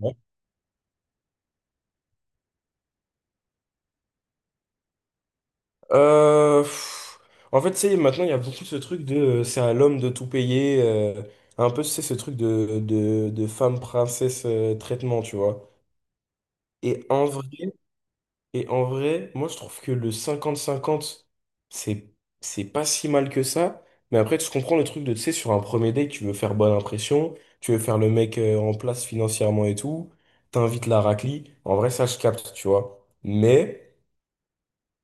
Ouais. Euh, pff, En fait, tu sais, maintenant, il y a beaucoup ce truc de c'est à l'homme de tout payer. Un peu, c'est ce truc de femme princesse traitement, tu vois. Et en vrai, et en vrai, moi, je trouve que le 50-50 c'est, c'est pas si mal que ça. Mais après, tu comprends le truc de, tu sais, sur un premier date, tu veux faire bonne impression, tu veux faire le mec en place financièrement et tout, t'invites la raclie. En vrai, ça, je capte, tu vois. Mais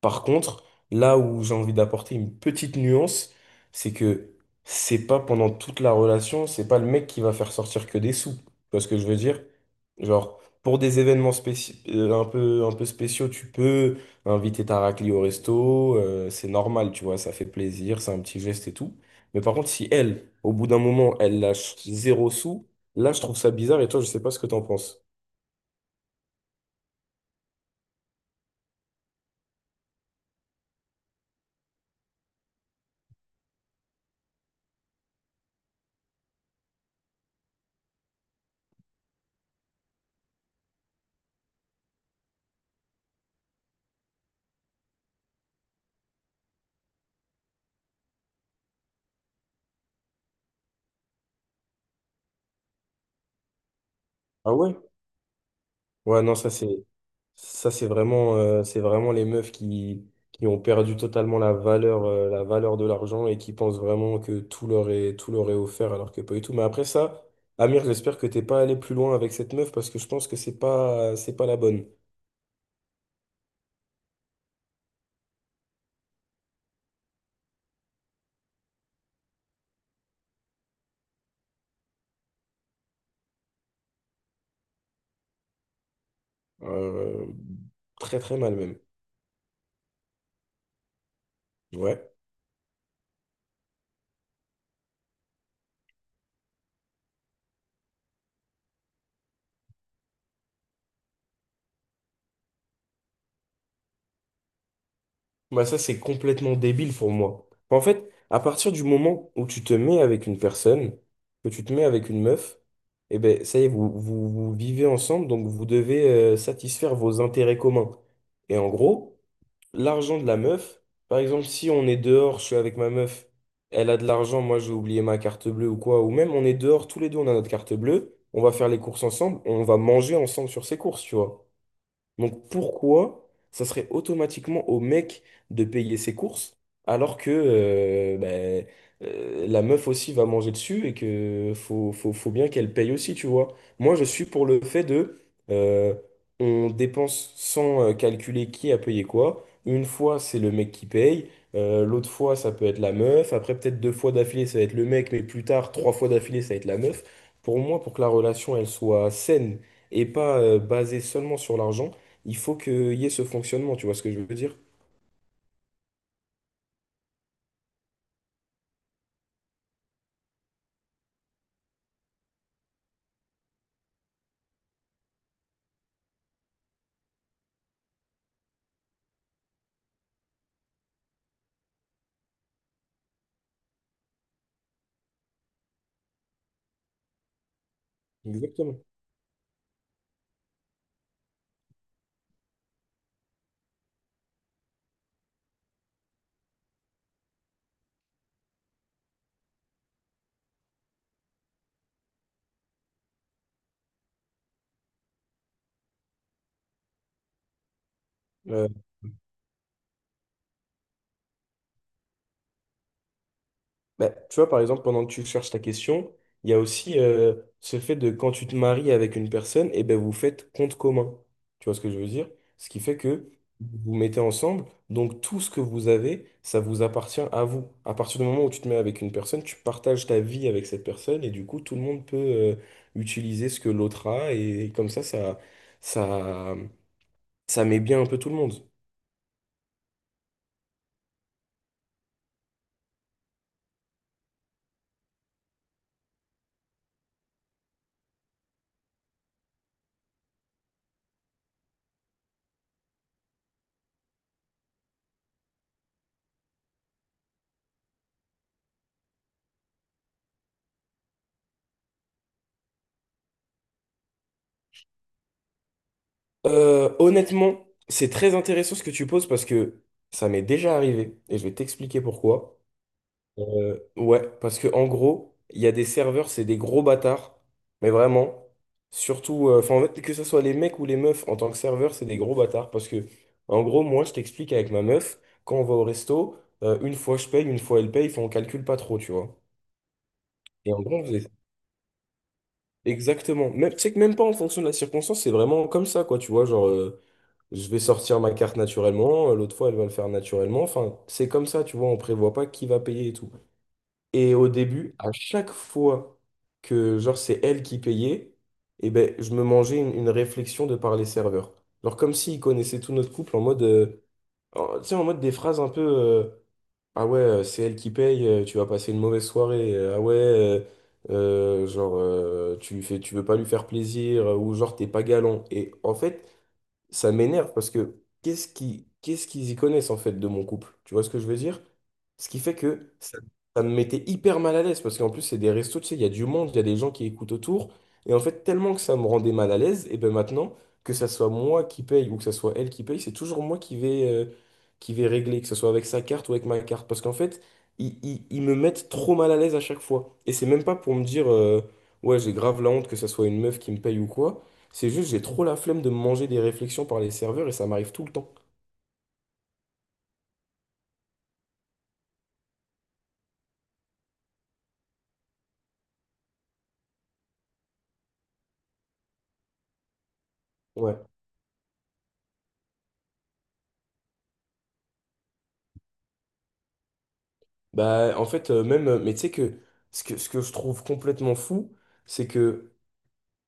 par contre, là où j'ai envie d'apporter une petite nuance, c'est que c'est pas pendant toute la relation, c'est pas le mec qui va faire sortir que des sous. Tu vois ce que je veux dire? Genre, pour des événements un peu spéciaux, tu peux inviter ta raclée au resto, c'est normal, tu vois, ça fait plaisir, c'est un petit geste et tout. Mais par contre, si elle, au bout d'un moment, elle lâche zéro sous, là, je trouve ça bizarre et toi, je sais pas ce que t'en penses. Ah ouais? Ouais, non, ça c'est. Ça, c'est vraiment les meufs qui ont perdu totalement la valeur de l'argent et qui pensent vraiment que tout leur est offert alors que pas du tout. Mais après ça, Amir, j'espère que t'es pas allé plus loin avec cette meuf parce que je pense que c'est pas la bonne. Euh, Très très mal même. Ouais. Bah ça, c'est complètement débile pour moi. Bah, en fait, à partir du moment où tu te mets avec une personne, que tu te mets avec une meuf, eh ben, ça y est, vous vivez ensemble, donc vous devez satisfaire vos intérêts communs. Et en gros, l'argent de la meuf, par exemple, si on est dehors, je suis avec ma meuf, elle a de l'argent, moi j'ai oublié ma carte bleue ou quoi, ou même on est dehors, tous les deux on a notre carte bleue, on va faire les courses ensemble, on va manger ensemble sur ces courses, tu vois. Donc pourquoi ça serait automatiquement au mec de payer ses courses alors que ben, la meuf aussi va manger dessus et que faut bien qu'elle paye aussi, tu vois. Moi, je suis pour le fait de euh, on dépense sans calculer qui a payé quoi. Une fois, c'est le mec qui paye. L'autre fois, ça peut être la meuf. Après, peut-être deux fois d'affilée, ça va être le mec, mais plus tard, trois fois d'affilée, ça va être la meuf. Pour moi, pour que la relation, elle soit saine et pas basée seulement sur l'argent, il faut qu'il y ait ce fonctionnement, tu vois ce que je veux dire? Exactement. Euh, Bah, tu vois, par exemple, pendant que tu cherches ta question, il y a aussi ce fait de quand tu te maries avec une personne, et ben vous faites compte commun. Tu vois ce que je veux dire? Ce qui fait que vous vous mettez ensemble, donc tout ce que vous avez, ça vous appartient à vous. À partir du moment où tu te mets avec une personne, tu partages ta vie avec cette personne, et du coup, tout le monde peut utiliser ce que l'autre a, et comme ça, ça, ça met bien un peu tout le monde. Honnêtement, c'est très intéressant ce que tu poses parce que ça m'est déjà arrivé et je vais t'expliquer pourquoi. Ouais, parce que en gros, il y a des serveurs, c'est des gros bâtards, mais vraiment, surtout, en fait, que ce soit les mecs ou les meufs en tant que serveur, c'est des gros bâtards parce que en gros, moi, je t'explique avec ma meuf, quand on va au resto, une fois je paye, une fois elle paye, enfin on calcule pas trop, tu vois. Et en gros, on faisait- Exactement. Même, tu sais que même pas en fonction de la circonstance, c'est vraiment comme ça, quoi, tu vois, je vais sortir ma carte naturellement, l'autre fois elle va le faire naturellement. Enfin, c'est comme ça, tu vois, on prévoit pas qui va payer et tout. Et au début, à chaque fois que genre c'est elle qui payait, et ben je me mangeais une réflexion de par les serveurs. Genre comme s'ils connaissaient tout notre couple en mode, tu sais, en mode des phrases un peu, ah ouais, c'est elle qui paye, tu vas passer une mauvaise soirée. Ah ouais, genre, tu lui fais, tu veux pas lui faire plaisir, ou genre, t'es pas galant. Et en fait, ça m'énerve parce que qu'est-ce qu'ils y connaissent en fait de mon couple? Tu vois ce que je veux dire? Ce qui fait que ça me mettait hyper mal à l'aise parce qu'en plus, c'est des restos, tu sais, il y a du monde, il y a des gens qui écoutent autour. Et en fait, tellement que ça me rendait mal à l'aise, et ben maintenant, que ça soit moi qui paye ou que ça soit elle qui paye, c'est toujours moi qui vais régler, que ce soit avec sa carte ou avec ma carte. Parce qu'en fait, ils me mettent trop mal à l'aise à chaque fois. Et c'est même pas pour me dire, ouais, j'ai grave la honte que ça soit une meuf qui me paye ou quoi. C'est juste, j'ai trop la flemme de me manger des réflexions par les serveurs et ça m'arrive tout le temps. Ouais. Bah, en fait, mais tu sais que ce que je trouve complètement fou, c'est que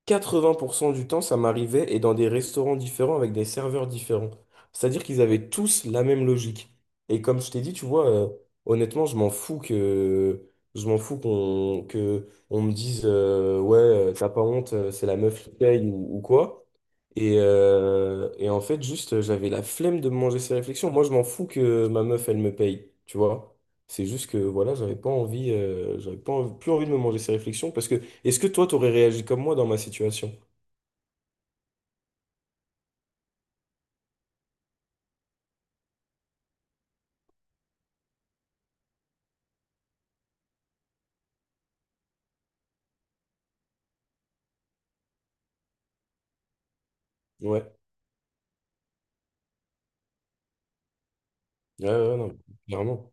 80% du temps, ça m'arrivait et dans des restaurants différents avec des serveurs différents. C'est-à-dire qu'ils avaient tous la même logique. Et comme je t'ai dit, tu vois, honnêtement, je m'en fous qu'on que on me dise ouais, t'as pas honte, c'est la meuf qui paye ou quoi. Et en fait, j'avais la flemme de me manger ces réflexions. Moi, je m'en fous que ma meuf, elle me paye, tu vois. C'est juste que voilà, j'avais pas envie- plus envie de me manger ces réflexions parce que est-ce que toi, t'aurais réagi comme moi dans ma situation? Ouais. Ouais, non, clairement.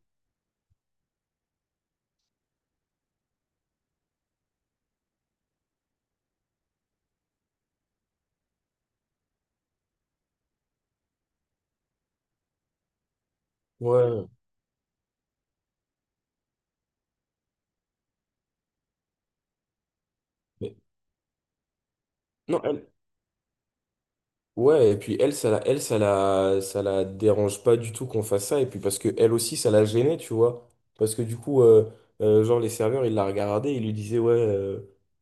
Ouais. Mais- Non, ouais, et puis elle, ça la dérange pas du tout qu'on fasse ça, et puis parce que elle aussi, ça la gênait, tu vois. Parce que du coup, genre, les serveurs, ils la regardaient, ils lui disaient, ouais,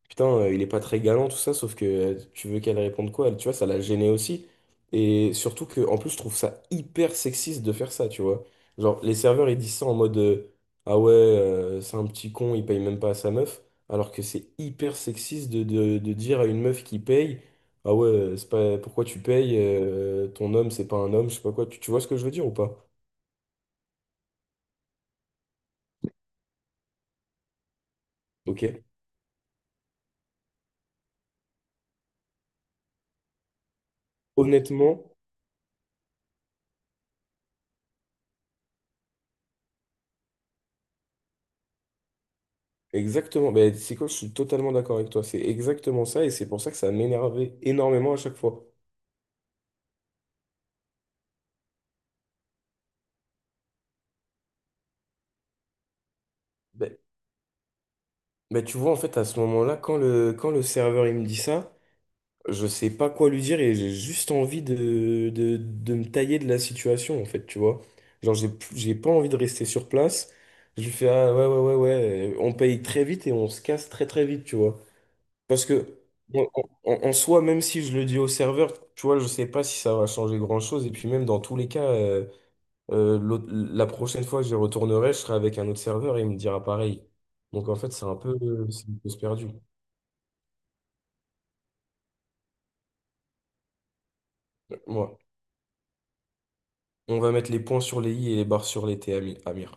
putain, il est pas très galant, tout ça, sauf que tu veux qu'elle réponde quoi, elle, tu vois, ça la gênait aussi. Et surtout que, en plus, je trouve ça hyper sexiste de faire ça, tu vois. Genre, les serveurs, ils disent ça en mode, ah ouais, c'est un petit con, il paye même pas à sa meuf, alors que c'est hyper sexiste de dire à une meuf qui paye. Ah ouais, c'est pas pourquoi tu payes, ton homme, c'est pas un homme, je sais pas quoi. Tu vois ce que je veux dire ou pas? Ok. Honnêtement, exactement. Ben, c'est quoi, je suis totalement d'accord avec toi. C'est exactement ça et c'est pour ça que ça m'énervait énormément à chaque fois. Ben, ben, tu vois, en fait, à ce moment-là, quand le serveur il me dit ça, je sais pas quoi lui dire et j'ai juste envie de me tailler de la situation, en fait, tu vois. J'ai pas envie de rester sur place. Je lui fais, ah ouais, ouais, ouais, ouais, on paye très vite et on se casse très, très vite, tu vois. Parce que, bon, en, en- En soi, même si je le dis au serveur, tu vois, je sais pas si ça va changer grand-chose. Et puis, même dans tous les cas, la prochaine fois que j'y retournerai, je serai avec un autre serveur et il me dira pareil. Donc, en fait, c'est un peu, c'est une cause perdue. Ouais. On va mettre les points sur les i et les barres sur les t, Amir.